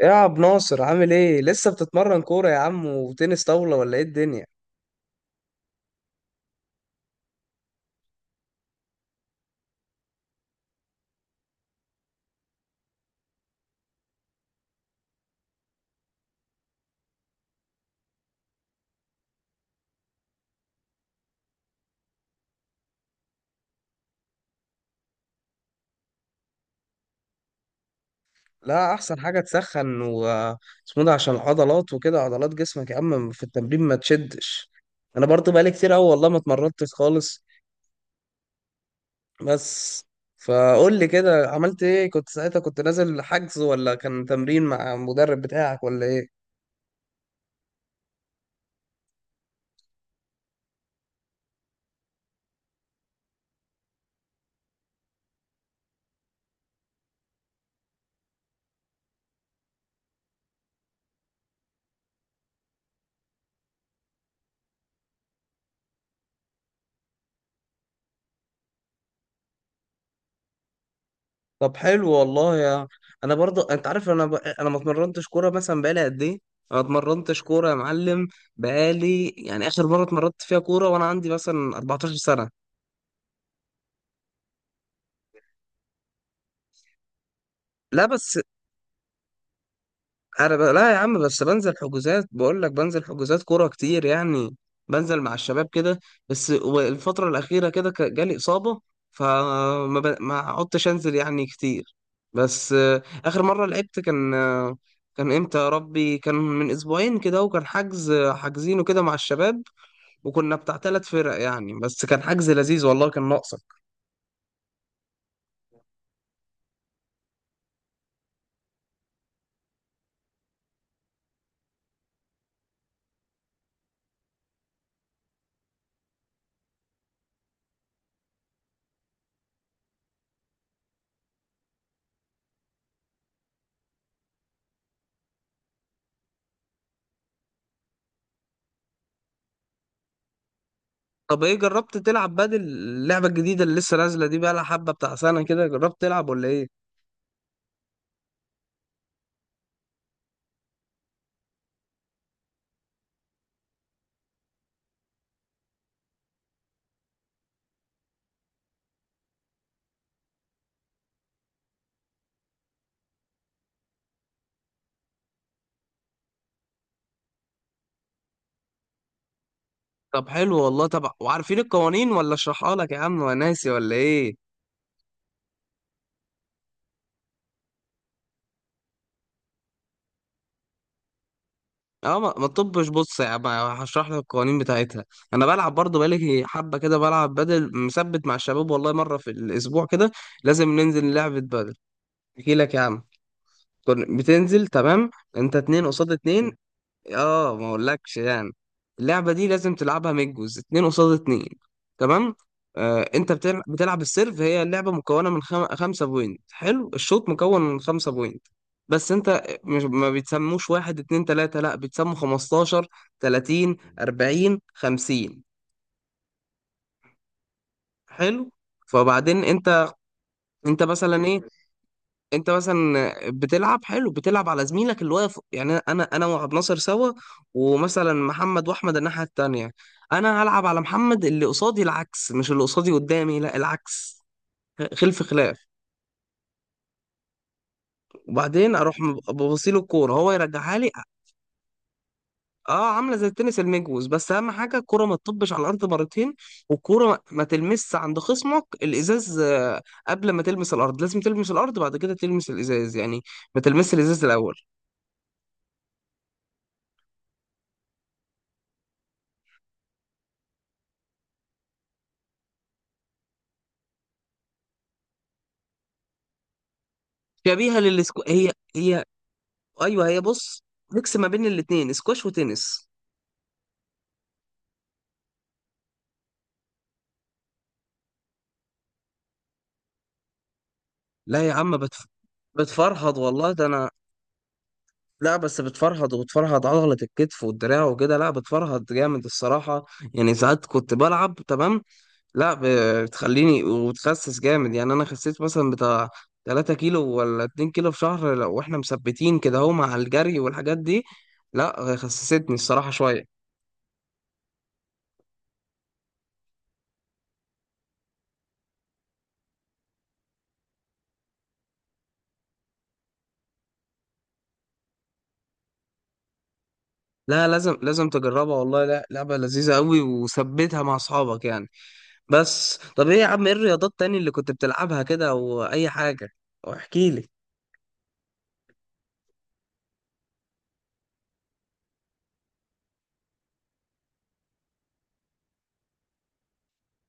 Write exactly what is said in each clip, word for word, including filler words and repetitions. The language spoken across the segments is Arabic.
ايه يا عبد ناصر؟ عامل ايه؟ لسه بتتمرن كورة يا عم وتنس طاولة، ولا ايه الدنيا؟ لا، احسن حاجة تسخن و اسمه ده عشان العضلات وكده، عضلات جسمك يا عم في التمرين ما تشدش. انا برضو بقالي كتير اوي والله ما اتمرنتش خالص. بس فقول لي كده، عملت ايه؟ كنت ساعتها كنت نازل حجز، ولا كان تمرين مع المدرب بتاعك، ولا ايه؟ طب حلو والله يا. انا برضو انت عارف، انا ب... انا ما اتمرنتش كوره مثلا بقالي قد ايه. انا ما اتمرنتش كوره يا معلم، بقالي يعني اخر مره اتمرنت فيها كوره وانا عندي مثلا اربعة عشر سنه. لا بس انا ب... لا يا عم، بس بنزل حجوزات، بقول لك بنزل حجوزات كوره كتير يعني. بنزل مع الشباب كده. بس و- الفتره الاخيره كده ك- جالي اصابه، فما ب... ما عدتش انزل يعني كتير. بس آه، اخر مره لعبت كان آه، كان امتى يا ربي؟ كان من اسبوعين كده، وكان حجز حاجزينه كده مع الشباب. وكنا بتاع ثلاث فرق يعني، بس كان حجز لذيذ والله، كان ناقصك. طب ايه، جربت تلعب بدل اللعبه الجديده اللي لسه نازله دي؟ بقى لها حبه بتاع سنه كده. جربت تلعب، ولا ايه؟ طب حلو والله. طب وعارفين القوانين، ولا اشرحها لك يا عم؟ وناسي، ولا ايه؟ اه، ما ما تطبش. بص يا عم هشرح لك القوانين بتاعتها. انا بلعب برضه بقالي حبه كده، بلعب بدل مثبت مع الشباب والله، مره في الاسبوع كده. لازم ننزل لعبه بدل. احكي لك يا عم. كن- بتنزل تمام، انت اتنين قصاد اتنين. اه ما اقولكش يعني. اللعبه دي لازم تلعبها ميجوز، اتنين قصاد اتنين. تمام. آه انت بتلعب, بتلعب السيرف. هي اللعبه مكونه من خم... خمسه بوينت. حلو، الشوط مكون من خمسه بوينت. بس انت مش ما بيتسموش واحد اتنين تلاته، لا بيتسموا خمستاشر، تلاتين، اربعين، خمسين. حلو. فبعدين انت، انت مثلا ايه، انت مثلا بتلعب حلو، بتلعب على زميلك اللي واقف يعني. انا انا وعبد ناصر سوا، ومثلا محمد واحمد الناحيه التانيه. انا هلعب على محمد اللي قصادي العكس، مش اللي قصادي قدامي، لا العكس، خلف خلاف. وبعدين اروح ببصيله الكوره، هو يرجعها لي. اه، عامله زي التنس المجوز، بس اهم حاجه الكوره ما تطبش على الارض مرتين. والكوره ما ما تلمسش عند خصمك الازاز آه، قبل ما تلمس الارض. لازم تلمس الارض بعد كده تلمس الازاز يعني، ما تلمس الازاز الاول. شبيهه للسكو، هي هي. ايوه، هي بص، ميكس ما بين الاتنين، سكواش وتنس. لا يا عم بتف... بتفرهد والله، ده انا. لا بس بتفرهد، وبتفرهد عضلة الكتف والدراع وكده، لا بتفرهد جامد الصراحة. يعني ساعات كنت بلعب تمام. لا ب- بتخليني وبتخسس جامد يعني. انا خسيت مثلا بتاع تلاته كيلو ولا اتنين كيلو في شهر، لو احنا مثبتين كده اهو، مع الجري والحاجات دي. لا خسستني الصراحة شوية. لا لازم لازم تجربها والله. لا، لعبة لذيذة قوي، وثبتها مع اصحابك يعني. بس طب ايه يا عم، ايه الرياضات تاني اللي كنت بتلعبها كده واي حاجة؟ واحكي لي.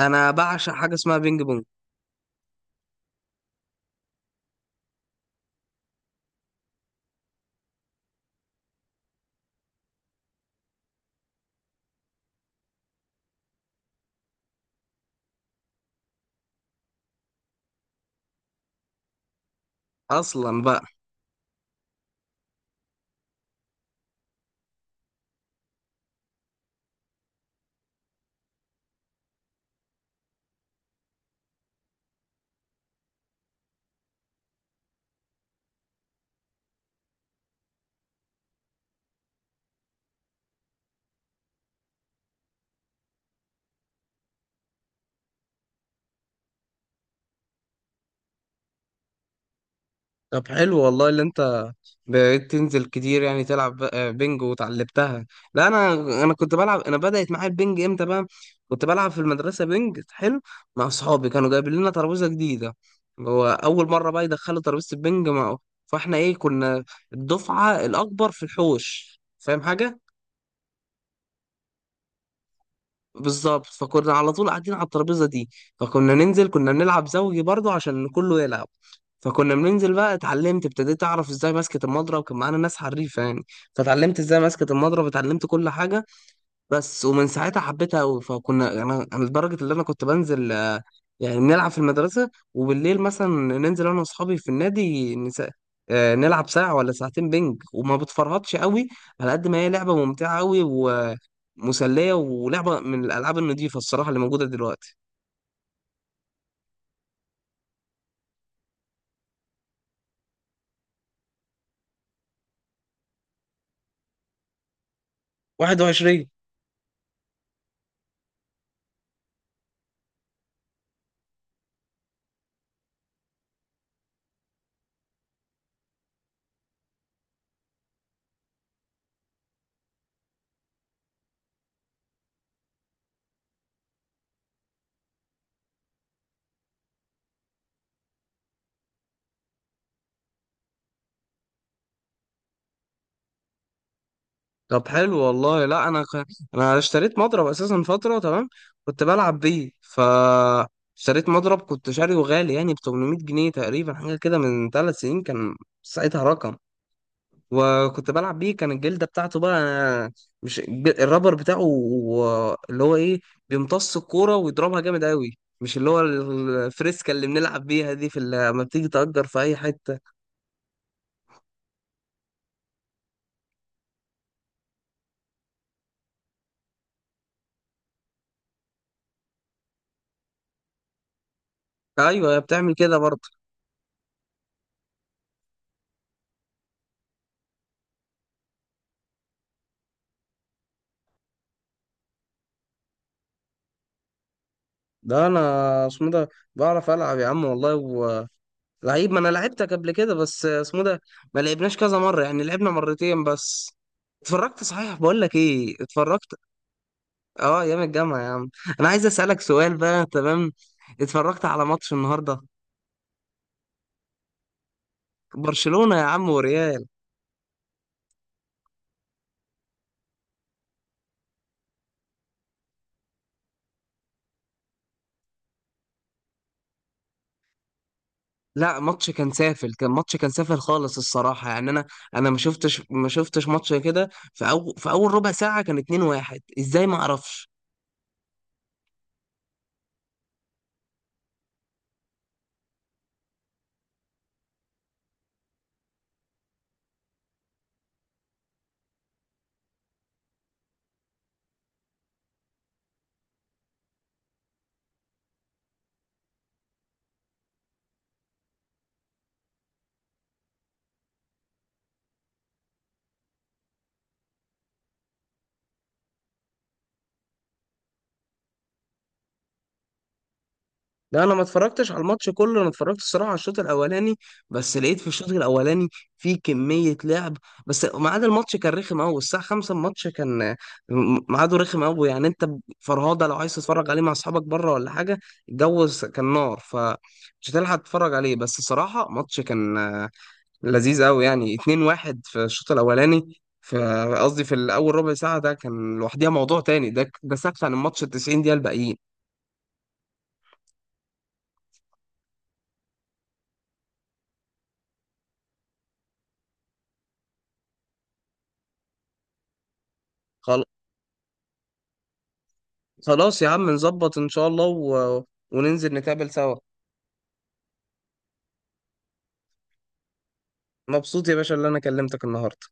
انا بعشق حاجة اسمها بينج بونج. اصلا بقى. طب حلو والله اللي انت بقيت تنزل كتير يعني، تلعب ب- آه، بينج وتعلمتها. لا انا انا كنت بلعب. انا بدأت معايا البينج امتى بقى؟ كنت بلعب في المدرسة بينج حلو مع اصحابي، كانوا جايبين لنا ترابيزة جديدة. هو اول مرة بقى يدخلوا ترابيزة البينج مع... فاحنا ايه، كنا الدفعة الاكبر في الحوش، فاهم حاجة. بالظبط. فكنا على طول قاعدين على الترابيزه دي، فكنا ننزل، كنا بنلعب زوجي برضو عشان كله يلعب. فكنا بننزل بقى، اتعلمت، ابتديت اعرف ازاي ماسكه المضرب. كان معانا ناس حريفه يعني، فتعلمت ازاي ماسكه المضرب، اتعلمت كل حاجه. بس ومن ساعتها حبيتها أوي. فكنا يعني، أنا لدرجة اللي أنا كنت بنزل آه، يعني نلعب في المدرسة، وبالليل مثلا ننزل أنا وأصحابي في النادي نس... آه، نلعب ساعة ولا ساعتين بينج. وما بتفرهدش أوي على قد ما هي لعبة ممتعة أوي ومسلية، ولعبة من الألعاب النضيفة الصراحة اللي موجودة دلوقتي. واحد وعشرين. طب حلو والله. لا انا ك... انا اشتريت مضرب اساسا فتره تمام، كنت بلعب بيه. ف اشتريت مضرب، كنت شاريه غالي يعني، ب تمنميت جنيه تقريبا حاجه كده، من ثلاث سنين كان، ساعتها رقم. وكنت بلعب بيه، كان الجلده بتاعته بقى، مش الج- الرابر بتاعه، و- اللي هو ايه، بيمتص الكوره ويضربها جامد قوي، مش اللي هو الفريسكا اللي بنلعب بيها دي في ال- لما بتيجي تأجر في اي حته. ايوه هي بتعمل كده برضه. ده انا اسمه ده بعرف العب يا عم والله، لعيب. ما انا لعبتك قبل كده، بس اسمه ده ما لعبناش كذا مره يعني، لعبنا مرتين بس. اتفرجت صحيح، بقول لك ايه، اتفرجت. اه، ايام الجامعه يا عم. انا عايز اسالك سؤال بقى، تمام؟ اتفرجت على ماتش النهارده؟ برشلونه يا عم وريال. لا ماتش كان سافل، كان ماتش كان سافل خالص الصراحه يعني. انا انا ما شفتش ما شفتش ماتش كده. في أو في اول ربع ساعه كان اتنين واحد، ازاي ما اعرفش. لا انا ما اتفرجتش على الماتش كله، انا اتفرجت الصراحه على الشوط الاولاني. بس لقيت في الشوط الاولاني في كميه لعب. بس ميعاد الماتش كان رخم قوي، الساعه خمسة الماتش كان م- ميعاده رخم قوي يعني. انت فرهاده لو عايز تتفرج عليه مع اصحابك بره ولا حاجه، الجو س- كان نار، فمش هتلحق تتفرج عليه. بس صراحه ماتش كان آه، لذيذ قوي يعني. اتنين واحد في الشوط الاولاني، في قصدي في الاول ربع ساعه ده كان لوحديها موضوع تاني. ده ده سكت عن الماتش ال التسعين دقيقه الباقيين. خلاص يا عم، نظبط ان شاء الله و... وننزل نتقابل سوا. مبسوط يا باشا اللي انا كلمتك النهارده.